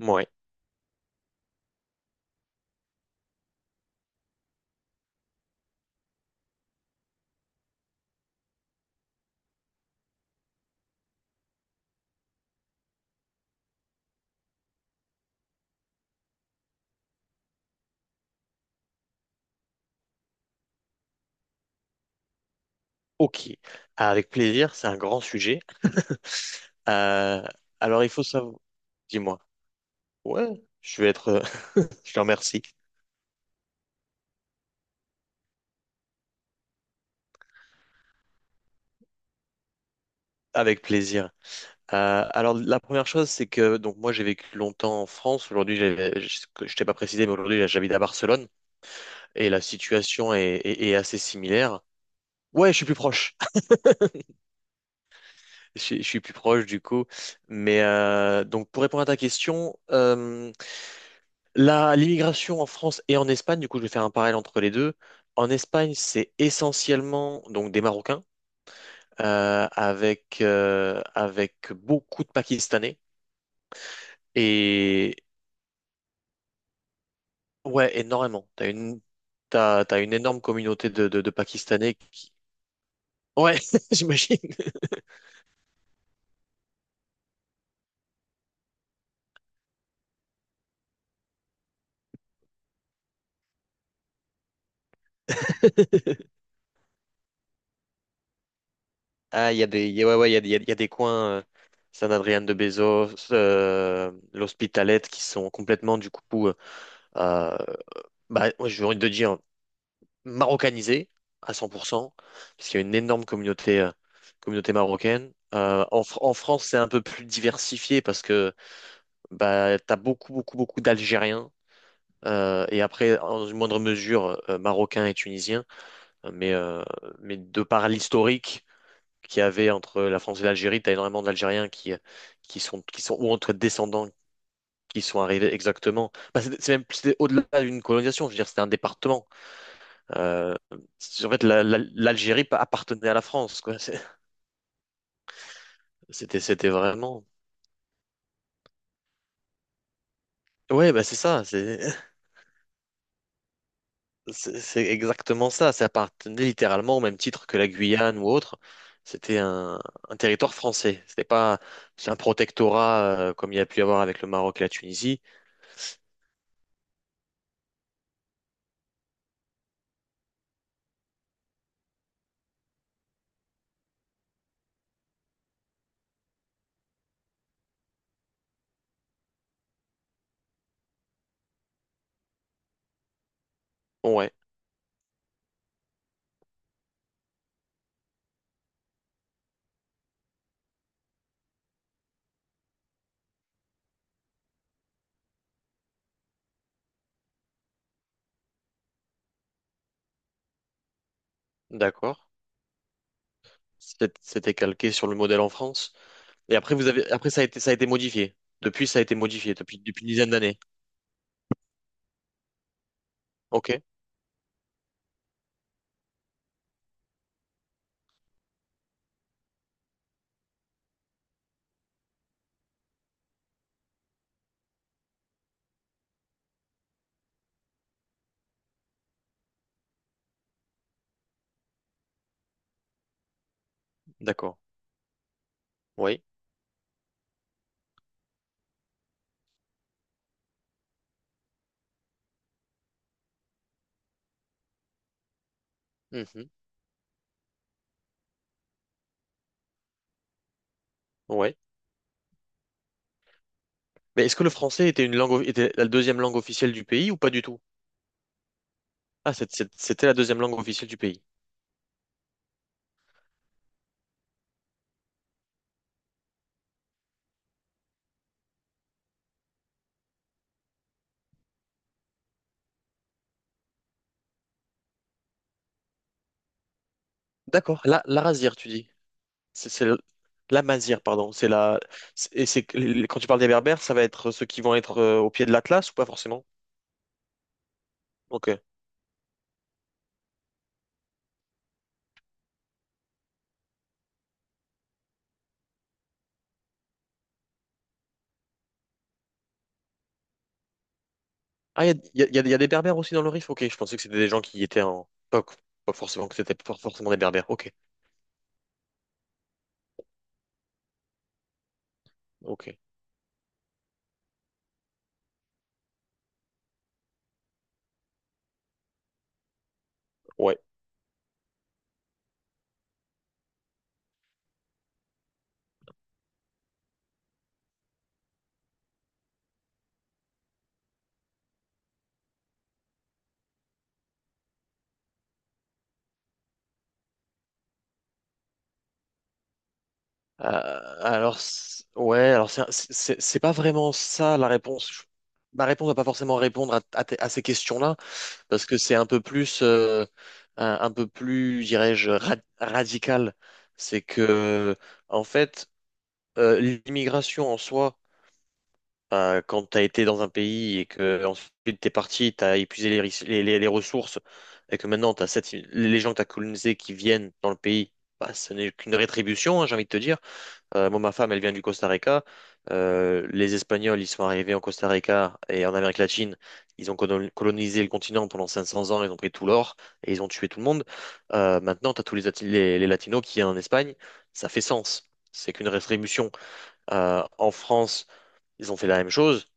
Ouais, ok. Avec plaisir, c'est un grand sujet. Euh, alors, il faut savoir. Dis-moi. Ouais, je vais être. Je te remercie. Avec plaisir. Alors, la première chose, c'est que donc moi, j'ai vécu longtemps en France. Aujourd'hui, je t'ai pas précisé, mais aujourd'hui, j'habite à Barcelone et la situation est assez similaire. Ouais, je suis plus proche. Je suis plus proche du coup. Mais donc, pour répondre à ta question, l'immigration en France et en Espagne, du coup, je vais faire un parallèle entre les deux. En Espagne, c'est essentiellement donc des Marocains avec beaucoup de Pakistanais et ouais, énormément. T'as une énorme communauté de Pakistanais qui ouais, j'imagine. Ah, il y a des il y a- ouais, ouais, il y a, des- il y a des coins San Adrián de Bezos, l'Hospitalet qui sont complètement du coup, bah, ouais, j'ai envie de dire, marocanisé à 100%, parce qu'il y a une énorme communauté marocaine. En France, c'est un peu plus diversifié parce que bah, tu as beaucoup, beaucoup, beaucoup d'Algériens. Et après, en une moindre mesure, Marocains et Tunisiens. Mais, euh, mais de par l'historique qu'il y avait entre la France et l'Algérie, tu as énormément d'Algériens qui sont, ou entre descendants qui sont arrivés exactement. Bah, c'est même c'est au-delà d'une colonisation, je veux dire, c'était un département. Euh, en fait, l'Algérie appartenait à la France, quoi. C'était vraiment. Ouais, bah c'est ça, c'est c'est exactement ça. Ça appartenait littéralement au même titre que la Guyane ou autre. C'était un territoire français. C'était pas, c'est un protectorat comme il y a pu y avoir avec le Maroc et la Tunisie. Bon, ouais, d'accord. C'était calqué sur le modèle en France. Et après, vous avez, après ça a été modifié. Depuis, ça a été modifié depuis une dizaine d'années. Ok, d'accord. Oui. Mhm. Ouais. Mais est-ce que le français était une langue, était la deuxième langue officielle du pays ou pas du tout? C'était la deuxième langue officielle du pays. D'accord. La razir, tu dis. C'est c'est le- la mazir, pardon. C'est la. Quand tu parles des Berbères, ça va être ceux qui vont être au pied de l'Atlas ou pas forcément? Ok. Ah, il y a, y a- y a- y a des Berbères aussi dans le Rif? Ok, je pensais que c'était des gens qui étaient en. Pas forcément que c'était pas forcément des Berbères. Ok. Ok. Ouais. Euh, alors, ouais, alors c'est pas vraiment ça la réponse. Ma réponse va pas forcément répondre à ces questions-là, parce que c'est un peu plus, dirais-je, radical. C'est que, en fait, l'immigration en soi, quand tu as été dans un pays et que ensuite t'es parti, tu as épuisé les, ris- les ressources, et que maintenant les gens que tu as colonisés qui viennent dans le pays, bah, ce n'est qu'une rétribution, hein, j'ai envie de te dire. Moi, ma femme, elle vient du Costa Rica. Les Espagnols, ils sont arrivés en Costa Rica et en Amérique latine. Ils ont colonisé le continent pendant 500 ans. Ils ont pris tout l'or et ils ont tué tout le monde. Maintenant, tu as tous les Latinos qui sont en Espagne. Ça fait sens. C'est qu'une rétribution. En France, ils ont fait la même chose.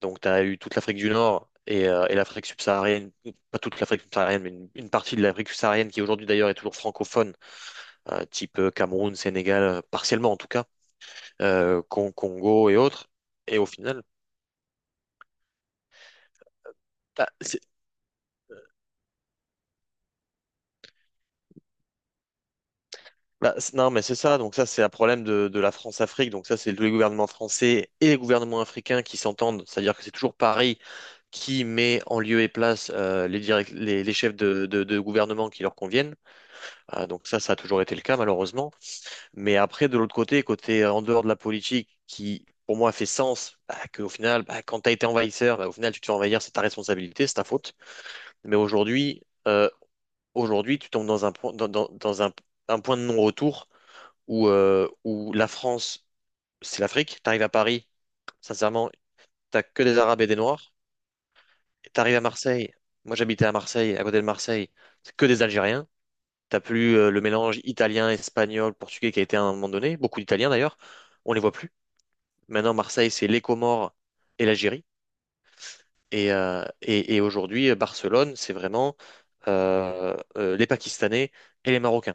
Donc, tu as eu toute l'Afrique du Nord et l'Afrique subsaharienne. Pas toute l'Afrique subsaharienne, mais une partie de l'Afrique subsaharienne qui aujourd'hui, d'ailleurs, est toujours francophone, type Cameroun, Sénégal, partiellement en tout cas Congo et autres. Et au final, bah, c'est- bah, non, mais c'est ça. Donc ça, c'est un problème de la France-Afrique. Donc ça, c'est les gouvernements français et les gouvernements africains qui s'entendent. C'est-à-dire que c'est toujours Paris qui met en lieu et place les chefs de gouvernement qui leur conviennent. Ah, donc ça a toujours été le cas, malheureusement. Mais après, de l'autre côté, en dehors de la politique qui. Pour moi, fait sens bah, que au final, bah, quand tu as été envahisseur, bah, au final, tu te fais envahir, c'est ta responsabilité, c'est ta faute. Mais aujourd'hui, tu tombes dans un point, dans, dans- dans un point de non-retour où la France, c'est l'Afrique. T'arrives à Paris, sincèrement, t'as que des Arabes et des Noirs. Et t'arrives à Marseille, moi j'habitais à Marseille, à côté de Marseille, c'est que des Algériens. T'as plus le mélange italien, espagnol, portugais qui a été à un moment donné, beaucoup d'Italiens d'ailleurs, on les voit plus. Maintenant, Marseille, c'est les Comores et l'Algérie. Et aujourd'hui, Barcelone, c'est vraiment les Pakistanais et les Marocains.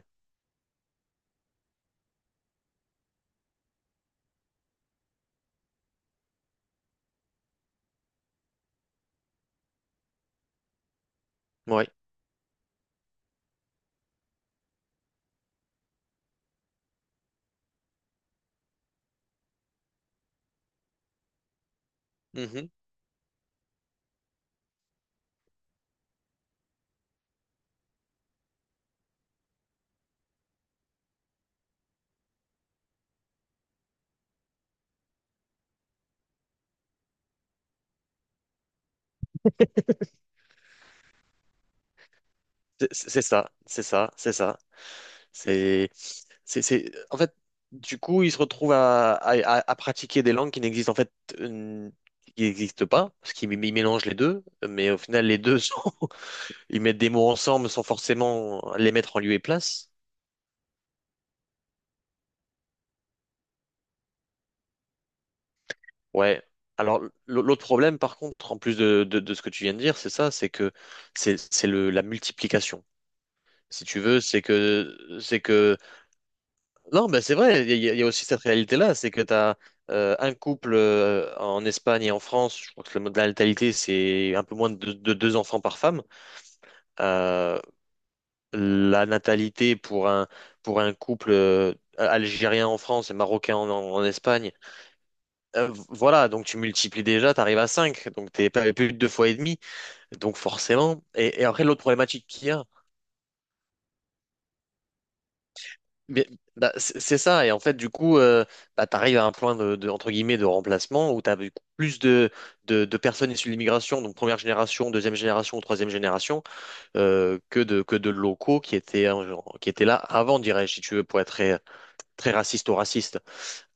Ouais. C'est ça, c'est ça, c'est ça. C'est, En fait, du coup, ils se retrouvent à pratiquer des langues qui n'existent en fait, euh, qui n'existent pas, parce qu'ils mélangent les deux, mais au final, les deux, ils mettent des mots ensemble sans forcément les mettre en lieu et place. Ouais. Alors, l'autre problème, par contre, en plus de ce que tu viens de dire, c'est ça, c'est que c'est la multiplication. Si tu veux, c'est que non, mais c'est vrai, il y a aussi cette réalité-là, c'est que tu as un couple en Espagne et en France, je crois que le mode de la natalité, c'est un peu moins de deux enfants par femme. Euh, la natalité pour un couple algérien en France et marocain en Espagne, voilà, donc tu multiplies déjà, tu arrives à cinq. Donc tu n'es pas plus de deux fois et demi, donc forcément. Et après, l'autre problématique qu'il y a, Mais, bah, c'est ça, et en fait, du coup, bah, tu arrives à un point de, entre guillemets, de remplacement où tu as plus de, de personnes issues de l'immigration, donc première génération, deuxième génération ou troisième génération, que de locaux genre, qui étaient là avant, dirais-je, si tu veux, pour être très, très raciste ou raciste.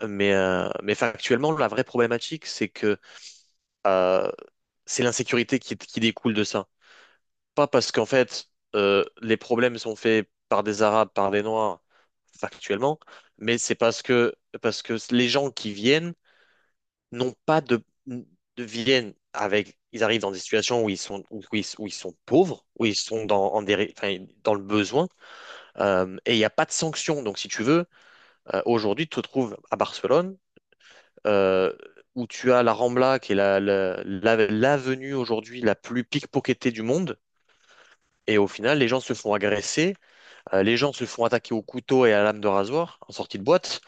Mais factuellement, la vraie problématique, c'est que euh, c'est l'insécurité qui découle de ça. Pas parce qu'en fait, les problèmes sont faits par des Arabes, par des Noirs, factuellement, mais c'est parce que les gens qui viennent n'ont pas de viennent avec, ils arrivent dans des situations où ils sont pauvres, où ils sont enfin, dans le besoin, et il n'y a pas de sanction. Donc, si tu veux, aujourd'hui, tu te trouves à Barcelone, euh, où tu as la Rambla, qui est l'avenue aujourd'hui la plus pickpocketée du monde. Et au final, les gens se font agresser. Les gens se font attaquer au couteau et à la lame de rasoir en sortie de boîte.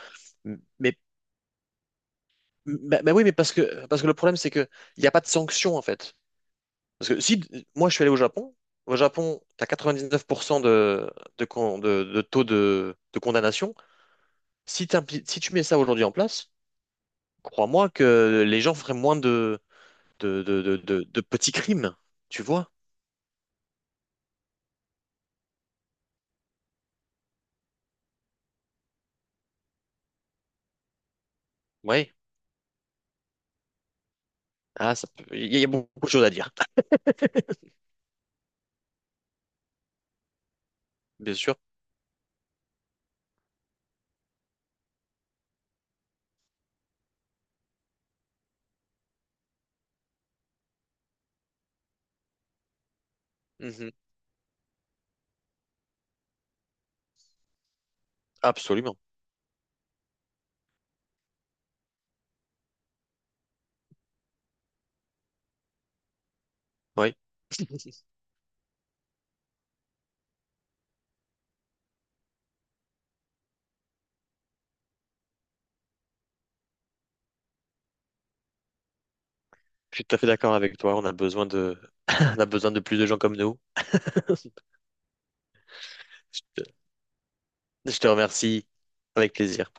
Mais, bah, oui, mais parce que le problème, c'est qu'il n'y a pas de sanction, en fait. Parce que si moi, je suis allé au Japon, tu as 99% de taux de condamnation. Si tu mets ça aujourd'hui en place, crois-moi que les gens feraient moins de petits crimes, tu vois? Oui. Ah, il y a beaucoup de choses à dire, bien sûr. Mhm. Absolument. Oui. Je suis tout à fait d'accord avec toi. On a besoin de plus de gens comme nous. Je te je te remercie avec plaisir.